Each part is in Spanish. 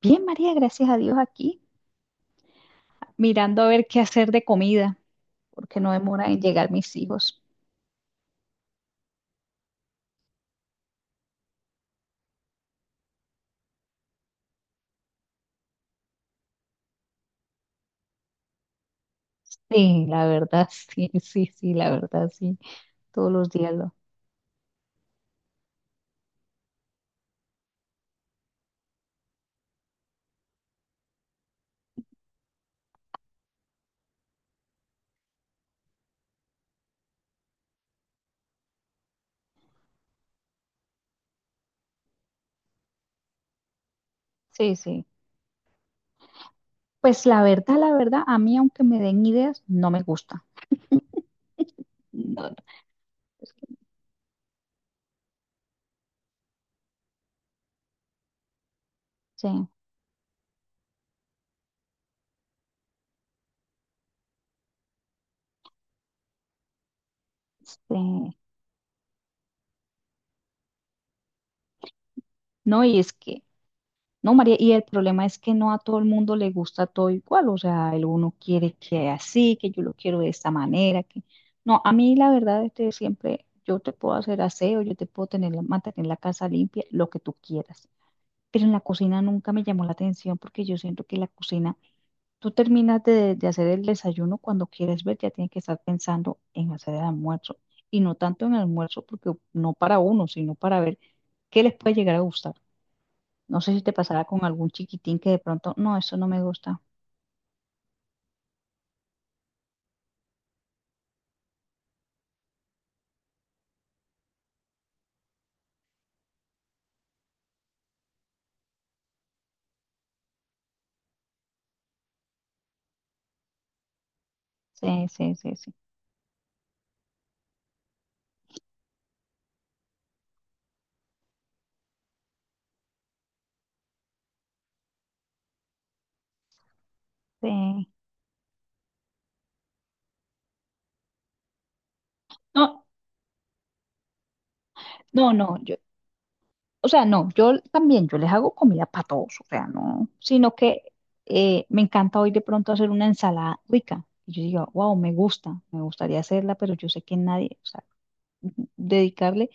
Bien, María, gracias a Dios aquí, mirando a ver qué hacer de comida, porque no demora en llegar mis hijos. Sí, la verdad, sí, sí, sí, la verdad, sí. Todos los días lo. Sí, sí. Pues la verdad, a mí aunque me den ideas, no me gusta. No, no, es que- Sí, sí. No, y es que No, María, y el problema es que no a todo el mundo le gusta todo igual, o sea, el uno quiere que así, que yo lo quiero de esta manera, que no, a mí la verdad es que siempre yo te puedo hacer aseo, yo te puedo tener mantener la casa limpia, lo que tú quieras, pero en la cocina nunca me llamó la atención porque yo siento que la cocina, tú terminas de hacer el desayuno cuando quieres ver, ya tienes que estar pensando en hacer el almuerzo, y no tanto en el almuerzo, porque no para uno, sino para ver qué les puede llegar a gustar. No sé si te pasará con algún chiquitín que de pronto, no, eso no me gusta. Sí, sí, sí, sí, sí. No, no, no, yo, o sea, no, yo también, yo les hago comida para todos, o sea, no, sino que me encanta hoy de pronto hacer una ensalada rica. Y yo digo, wow, me gusta, me gustaría hacerla, pero yo sé que nadie, o sea, dedicarle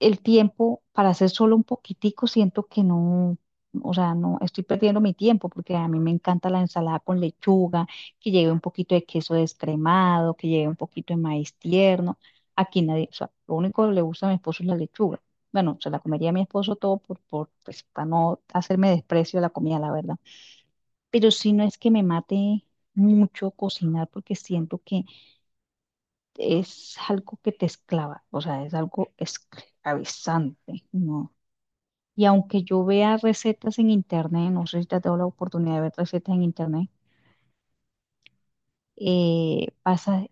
el tiempo para hacer solo un poquitico, siento que no, o sea, no estoy perdiendo mi tiempo porque a mí me encanta la ensalada con lechuga, que lleve un poquito de queso descremado, que lleve un poquito de maíz tierno. Aquí nadie, o sea, lo único que le gusta a mi esposo es la lechuga. Bueno, se la comería a mi esposo todo pues, para no hacerme desprecio de la comida, la verdad. Pero si no es que me mate mucho cocinar porque siento que es algo que te esclava, o sea, es algo esclavizante, ¿no? Y aunque yo vea recetas en internet, no sé si te has dado la oportunidad de ver recetas en internet, pasa,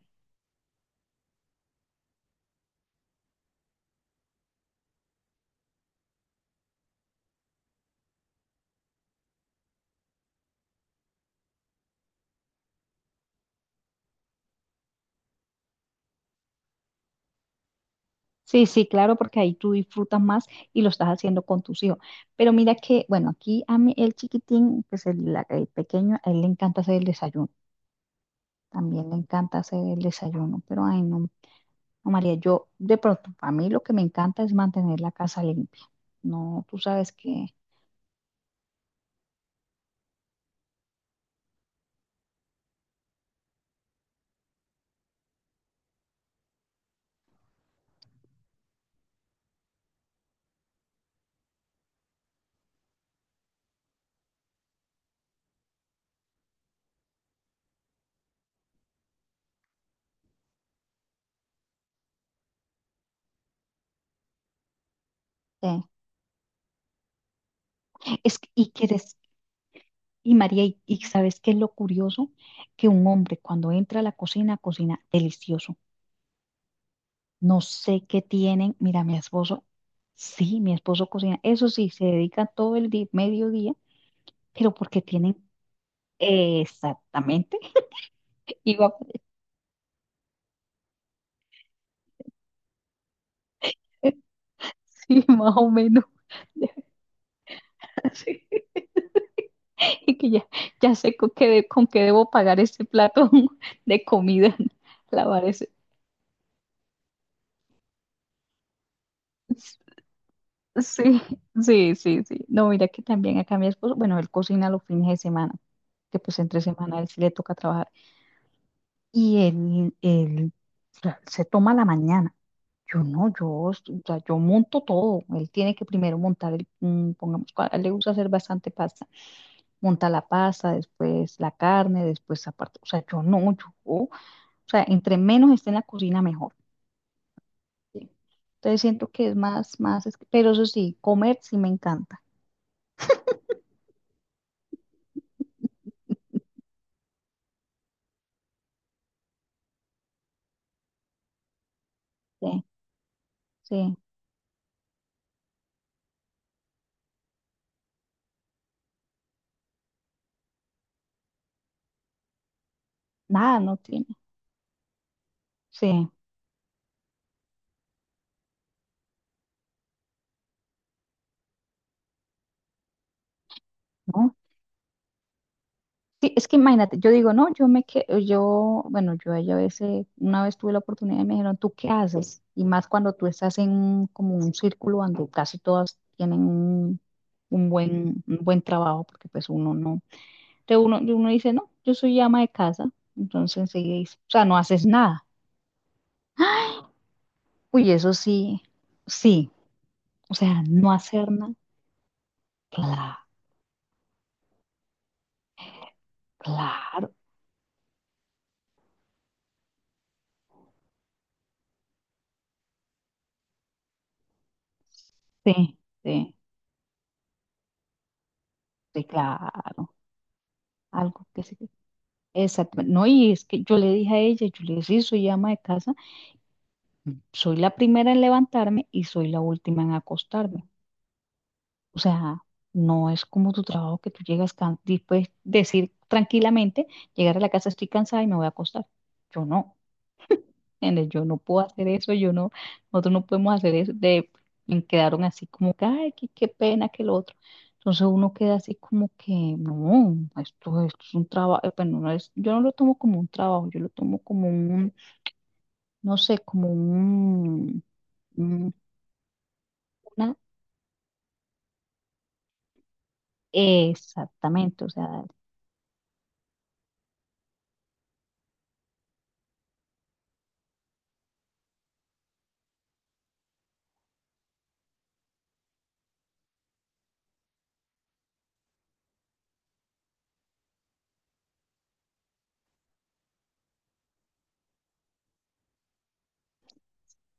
sí, sí, claro, porque ahí tú disfrutas más y lo estás haciendo con tus hijos. Pero mira que, bueno, aquí a mí el chiquitín, pues el pequeño, a él le encanta hacer el desayuno, también le encanta hacer el desayuno, pero ay, no. No, María, yo de pronto, a mí lo que me encanta es mantener la casa limpia. No, tú sabes que, eh, es que- y que des- Y María, ¿y sabes qué es lo curioso? Que un hombre cuando entra a la cocina, cocina delicioso. No sé qué tienen. Mira, mi esposo, sí, mi esposo cocina. Eso sí, se dedica todo el día, mediodía, pero porque tienen exactamente, iba sí, más o menos. Sí. Y que ya, ya sé con qué, con qué debo pagar ese plato de comida, lavar ese. Sí, sí, sí, sí. No, mira que también acá mi esposo, bueno, él cocina los fines de semana, que pues entre semana a él sí le toca trabajar. Y él, él, o sea, se toma la mañana. Yo no, o sea, yo monto todo. Él tiene que primero montar pongamos, a él le gusta hacer bastante pasta. Monta la pasta, después la carne, después aparte. O sea, yo no, yo, o sea, entre menos esté en la cocina, mejor. ¿Sí? Entonces siento que es más, pero eso sí, comer sí me encanta. Sí, sí. Nada, no tiene. Sí, ¿no? Sí, es que imagínate, yo digo, no, yo me quedo, yo, bueno, yo ahí a veces, una vez tuve la oportunidad y me dijeron, ¿tú qué haces? Y más cuando tú estás en como un círculo donde casi todas tienen un, un buen trabajo, porque pues uno no, entonces uno, y uno dice, no, yo soy ama de casa, entonces enseguida dice, o sea, no haces nada. Uy, eso sí, sí, o sea, no hacer nada, claro, claro, sí, sí, sí, claro, algo que sí. Exacto. No, y es que yo le dije a ella, yo le dije, sí, soy ama de casa, soy la primera en levantarme y soy la última en acostarme. O sea, no es como tu trabajo que tú llegas y puedes decir tranquilamente, llegar a la casa estoy cansada y me voy a acostar. Yo no, ¿entiendes? Yo no puedo hacer eso, yo no, nosotros no podemos hacer eso. De, y quedaron así como que, ay, qué, qué pena que lo otro. Entonces uno queda así como que, no, esto es un trabajo, bueno, no es, yo no lo tomo como un trabajo, yo lo tomo como un no sé, como un, un- una, exactamente, o sea,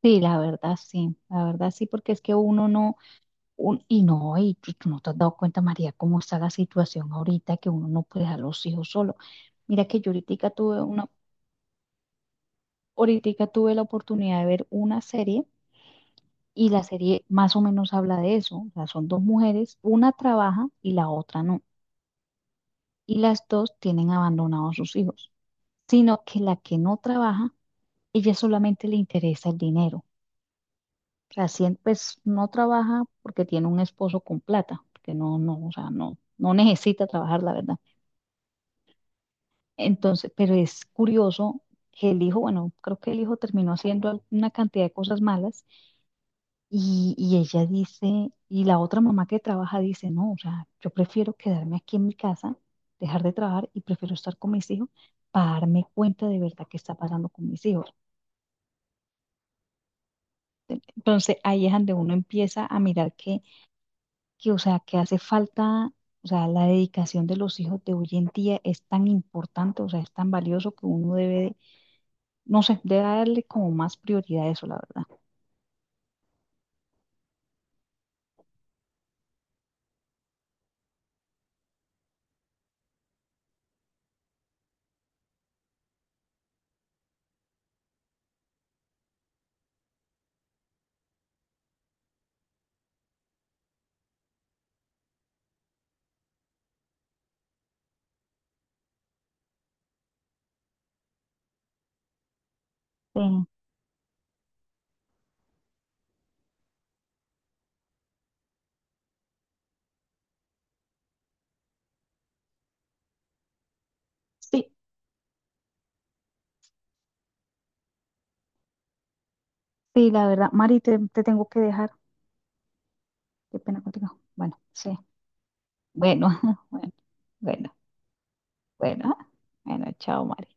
sí, la verdad sí, la verdad sí, porque es que uno no, y no, y tú no te has dado cuenta, María, cómo está la situación ahorita, que uno no puede dejar los hijos solos. Mira que yo ahorita tuve una, ahorita tuve la oportunidad de ver una serie, y la serie más o menos habla de eso, o sea, son dos mujeres, una trabaja y la otra no, y las dos tienen abandonados sus hijos, sino que la que no trabaja, ella solamente le interesa el dinero. Así, pues no trabaja porque tiene un esposo con plata, porque no, no, o sea, no, no necesita trabajar, la verdad. Entonces, pero es curioso que el hijo, bueno, creo que el hijo terminó haciendo una cantidad de cosas malas y ella dice, y la otra mamá que trabaja dice, no, o sea, yo prefiero quedarme aquí en mi casa, dejar de trabajar y prefiero estar con mis hijos para darme cuenta de verdad qué está pasando con mis hijos. Entonces, ahí es donde uno empieza a mirar que o sea, que hace falta, o sea, la dedicación de los hijos de hoy en día es tan importante, o sea, es tan valioso que uno debe, no sé, debe darle como más prioridad a eso, la verdad. Sí, sí, sí, la verdad. Mari, te tengo que dejar. Qué pena contigo. Bueno, sí. Bueno, bueno, bueno, bueno. Bueno, chao, Mari.